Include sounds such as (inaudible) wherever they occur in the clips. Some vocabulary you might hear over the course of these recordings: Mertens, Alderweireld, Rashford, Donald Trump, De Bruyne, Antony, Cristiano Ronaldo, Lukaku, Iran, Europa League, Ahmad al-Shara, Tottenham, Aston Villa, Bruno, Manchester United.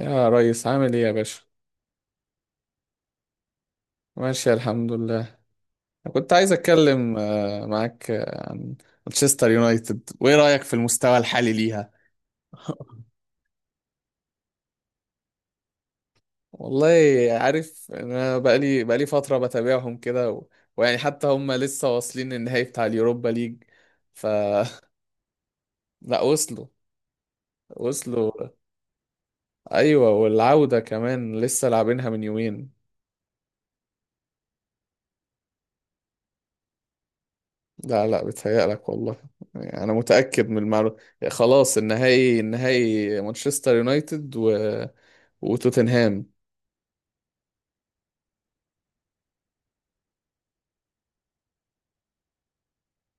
يا ريس، عامل ايه يا باشا؟ ماشي، الحمد لله. أنا كنت عايز اتكلم معاك عن مانشستر يونايتد، وايه رايك في المستوى الحالي ليها؟ (laughs) والله. عارف، انا بقالي فتره بتابعهم كده و... ويعني حتى هم لسه واصلين النهائي بتاع اليوروبا ليج. ف (laughs) لا، وصلوا وصلوا. ايوه، والعوده كمان لسه لاعبينها من يومين. لا لا، بتهيألك والله. يعني أنا متأكد من المعلومة. خلاص، النهائي، النهائي مانشستر يونايتد و... وتوتنهام.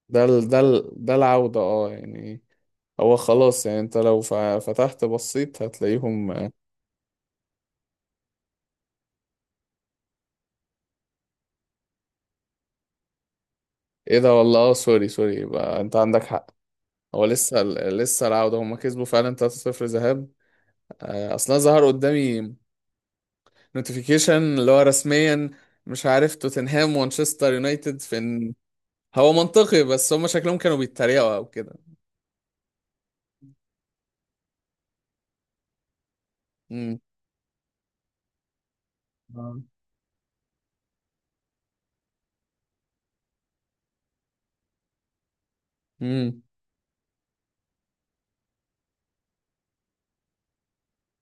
ده العودة اه يعني. هو خلاص، يعني أنت لو فتحت بصيت هتلاقيهم. إيه ده والله؟ اه سوري سوري، يبقى أنت عندك حق. هو لسه لسه العودة، هما كسبوا فعلا 3-0 ذهاب. أصلا ظهر قدامي نوتيفيكيشن اللي هو رسميا، مش عارف، توتنهام ومانشستر يونايتد في. هو منطقي، بس هم شكلهم كانوا بيتريقوا او كده. امم. آه. امم.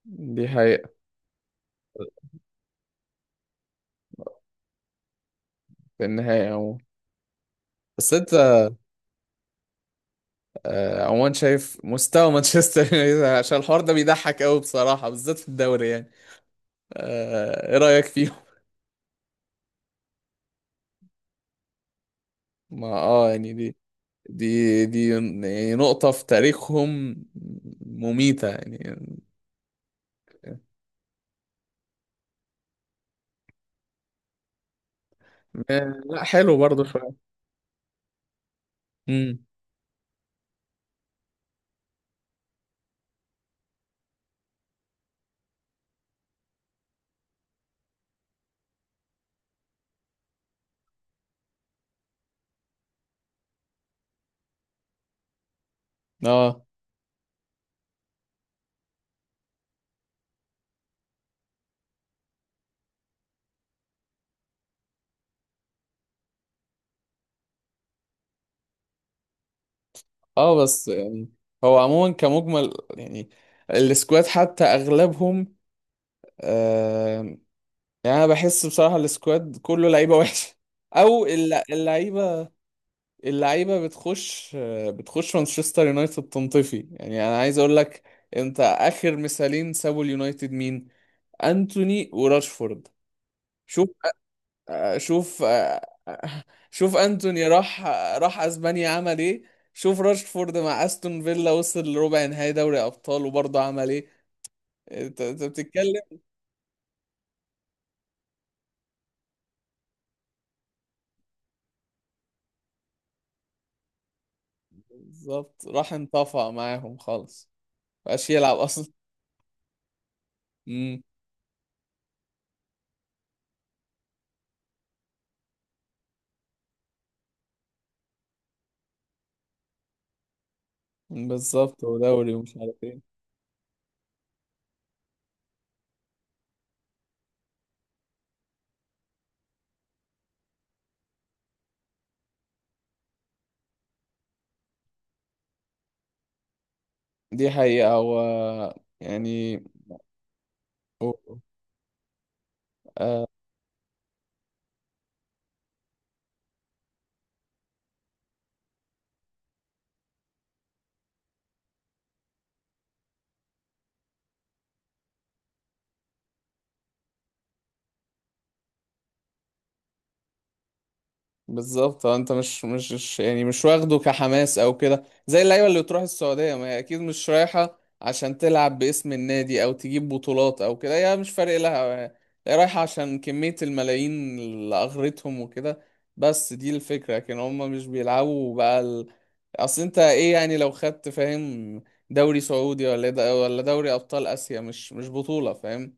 دي حقيقة. في النهاية عموما. بس انت عموما شايف مستوى (laughs) مانشستر يونايتد، عشان الحوار ده بيضحك قوي بصراحة، بالذات في الدوري يعني، ايه رأيك فيهم؟ (laughs) ما اه يعني دي يعني نقطة في تاريخهم مميتة يعني. لا حلو برضه شوية. امم. اه. اه بس يعني هو عموما كمجمل يعني السكواد حتى اغلبهم، آم، يعني انا بحس بصراحه السكواد كله لعيبه وحشه (laughs) او اللعيبه، اللعيبه بتخش، بتخش مانشستر يونايتد تنطفي. يعني انا عايز اقول لك، انت اخر مثالين سابوا اليونايتد مين؟ انتوني وراشفورد. شوف، شوف. شوف انتوني راح راح اسبانيا عمل ايه؟ شوف راشفورد مع استون فيلا وصل لربع نهائي دوري ابطال وبرضه عمل ايه؟ انت بتتكلم. بالظبط، راح انطفى معاهم خالص، مبقاش يلعب اصلا. امم. بالظبط، ودوري ومش عارف ايه. دي حقيقة و يعني. بالظبط اه، انت يعني مش واخده كحماس او كده، زي اللعيبه اللي بتروح السعوديه، ما هي اكيد مش رايحه عشان تلعب باسم النادي او تجيب بطولات او كده، هي مش فارق لها. هي رايحه عشان كميه الملايين اللي اغرتهم وكده. بس دي الفكره، لكن هم مش بيلعبوا بقى ال... اصل انت ايه يعني لو خدت، فاهم؟ دوري سعودي ولا دوري ابطال اسيا، مش مش بطوله، فاهم؟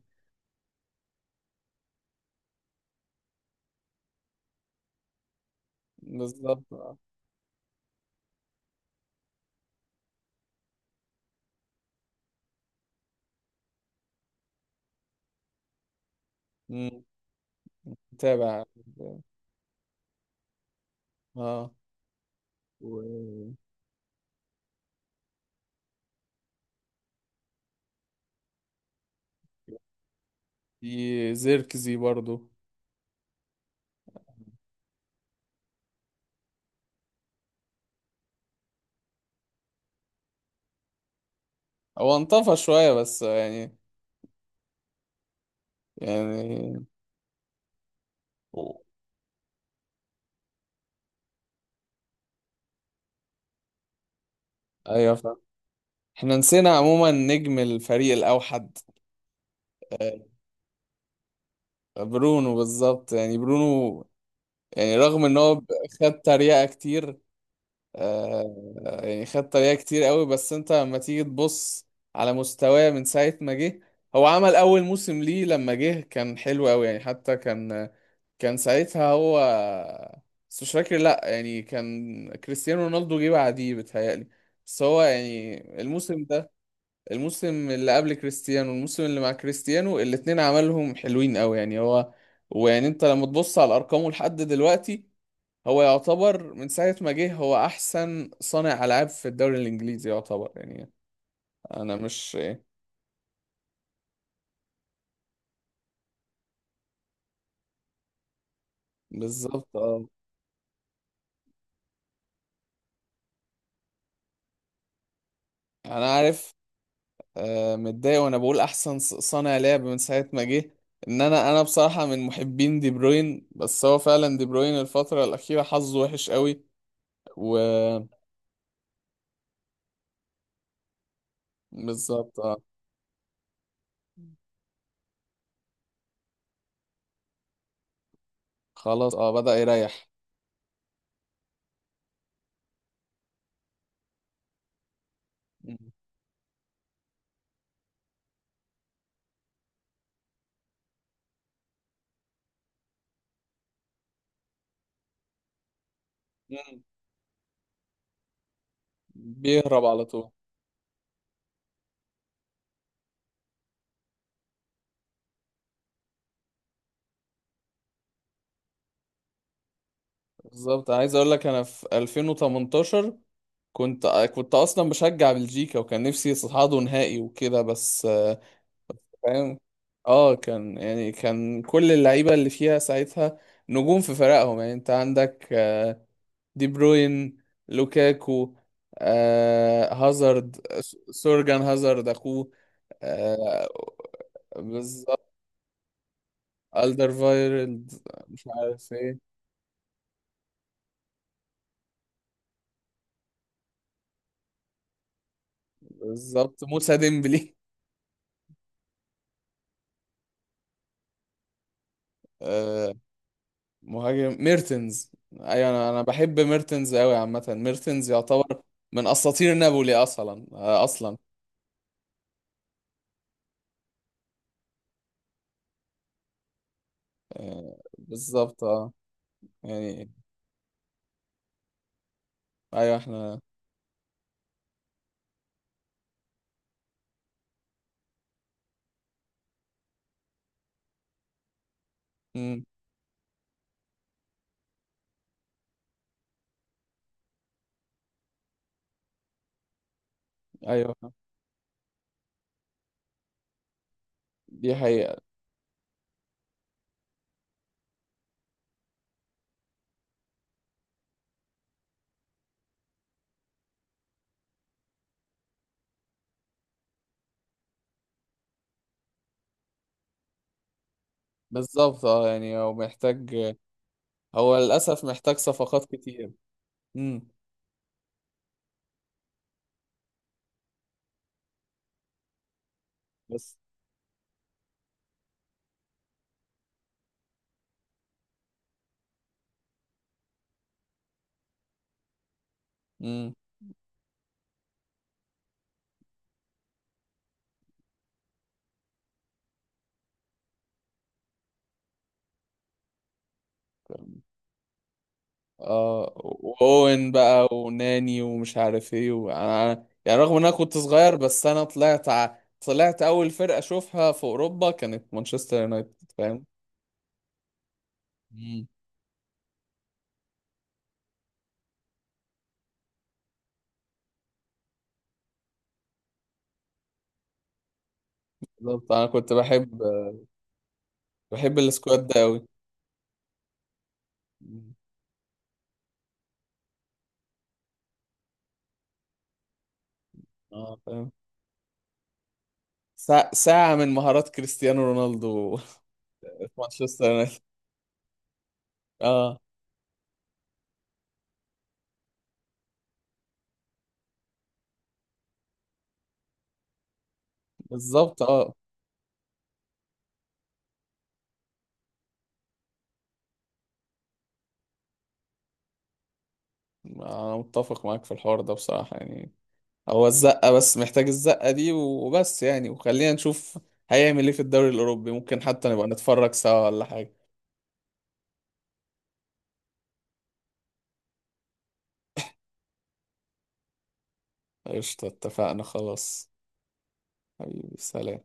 بالظبط اه. مم. متابع. اه. في زيركزي برضو. هو انطفى شوية بس يعني. يعني. ايوه فاهم. احنا نسينا عموما نجم الفريق الاوحد. آه، برونو بالظبط يعني برونو، يعني رغم ان هو خد تريقة كتير، يعني خد تريقة كتير قوي، بس انت لما تيجي تبص على مستواه من ساعة ما جه. هو عمل اول موسم ليه لما جه كان حلو قوي يعني، حتى كان، كان ساعتها هو، بس مش فاكر لا يعني، كان كريستيانو رونالدو جه بعديه بتهيألي. بس هو يعني الموسم ده، الموسم اللي قبل كريستيانو والموسم اللي مع كريستيانو، الاتنين عملهم حلوين قوي يعني هو. ويعني انت لما تبص على ارقامه لحد دلوقتي، هو يعتبر من ساعة ما جه هو احسن صانع العاب في الدوري الانجليزي يعتبر يعني. انا مش. بالظبط اه. انا عارف. متضايق وانا بقول احسن صانع لعب من ساعه ما جه. ان انا انا بصراحه من محبين دي بروين، بس هو فعلا دي بروين الفتره الاخيره حظه وحش قوي. وبالظبط اه. خلاص اه بدأ يريح. مم. مم. بيهرب على طول. بالظبط، عايز اقول لك، انا في 2018 كنت كنت اصلا بشجع بلجيكا، وكان نفسي يصعدوا نهائي وكده بس. فاهم. اه، كان يعني كان كل اللعيبه اللي فيها ساعتها نجوم في فرقهم، يعني انت عندك دي بروين، لوكاكو، هازارد، سورجان هازارد اخوه، آه، بالظبط. ألدر فايرلد، مش عارف ايه. بالظبط، موسى ديمبلي، آه، مهاجم ميرتنز. ايوه، انا بحب ميرتنز قوي عامه، ميرتنز يعتبر من اساطير نابولي اصلا، اصلا. بالظبط اه يعني. ايوه احنا. مم. ايوه. دي حقيقة. بالظبط اه يعني، هو محتاج، هو للأسف محتاج صفقات كتير. مم. بس. مم. اه واوين بقى، وناني ومش عارف ايه، وانا يعني رغم ان انا كنت صغير بس انا طلعت طلعت اول فرقة اشوفها في اوروبا كانت مانشستر يونايتد، فاهم؟ مم. بالظبط، انا كنت بحب، بحب السكواد ده قوي. اه فاهم. ساعة ساعة من مهارات كريستيانو رونالدو. (laughs) في مانشستر يونايتد. اه. بالظبط اه. انا متفق معاك في الحوار ده بصراحة يعني. هو الزقة بس، محتاج الزقة دي وبس يعني، وخلينا نشوف هيعمل ايه في الدوري الأوروبي. ممكن حتى نبقى نتفرج سوا ولا حاجة. قشطة، اتفقنا خلاص. حبيبي، سلام.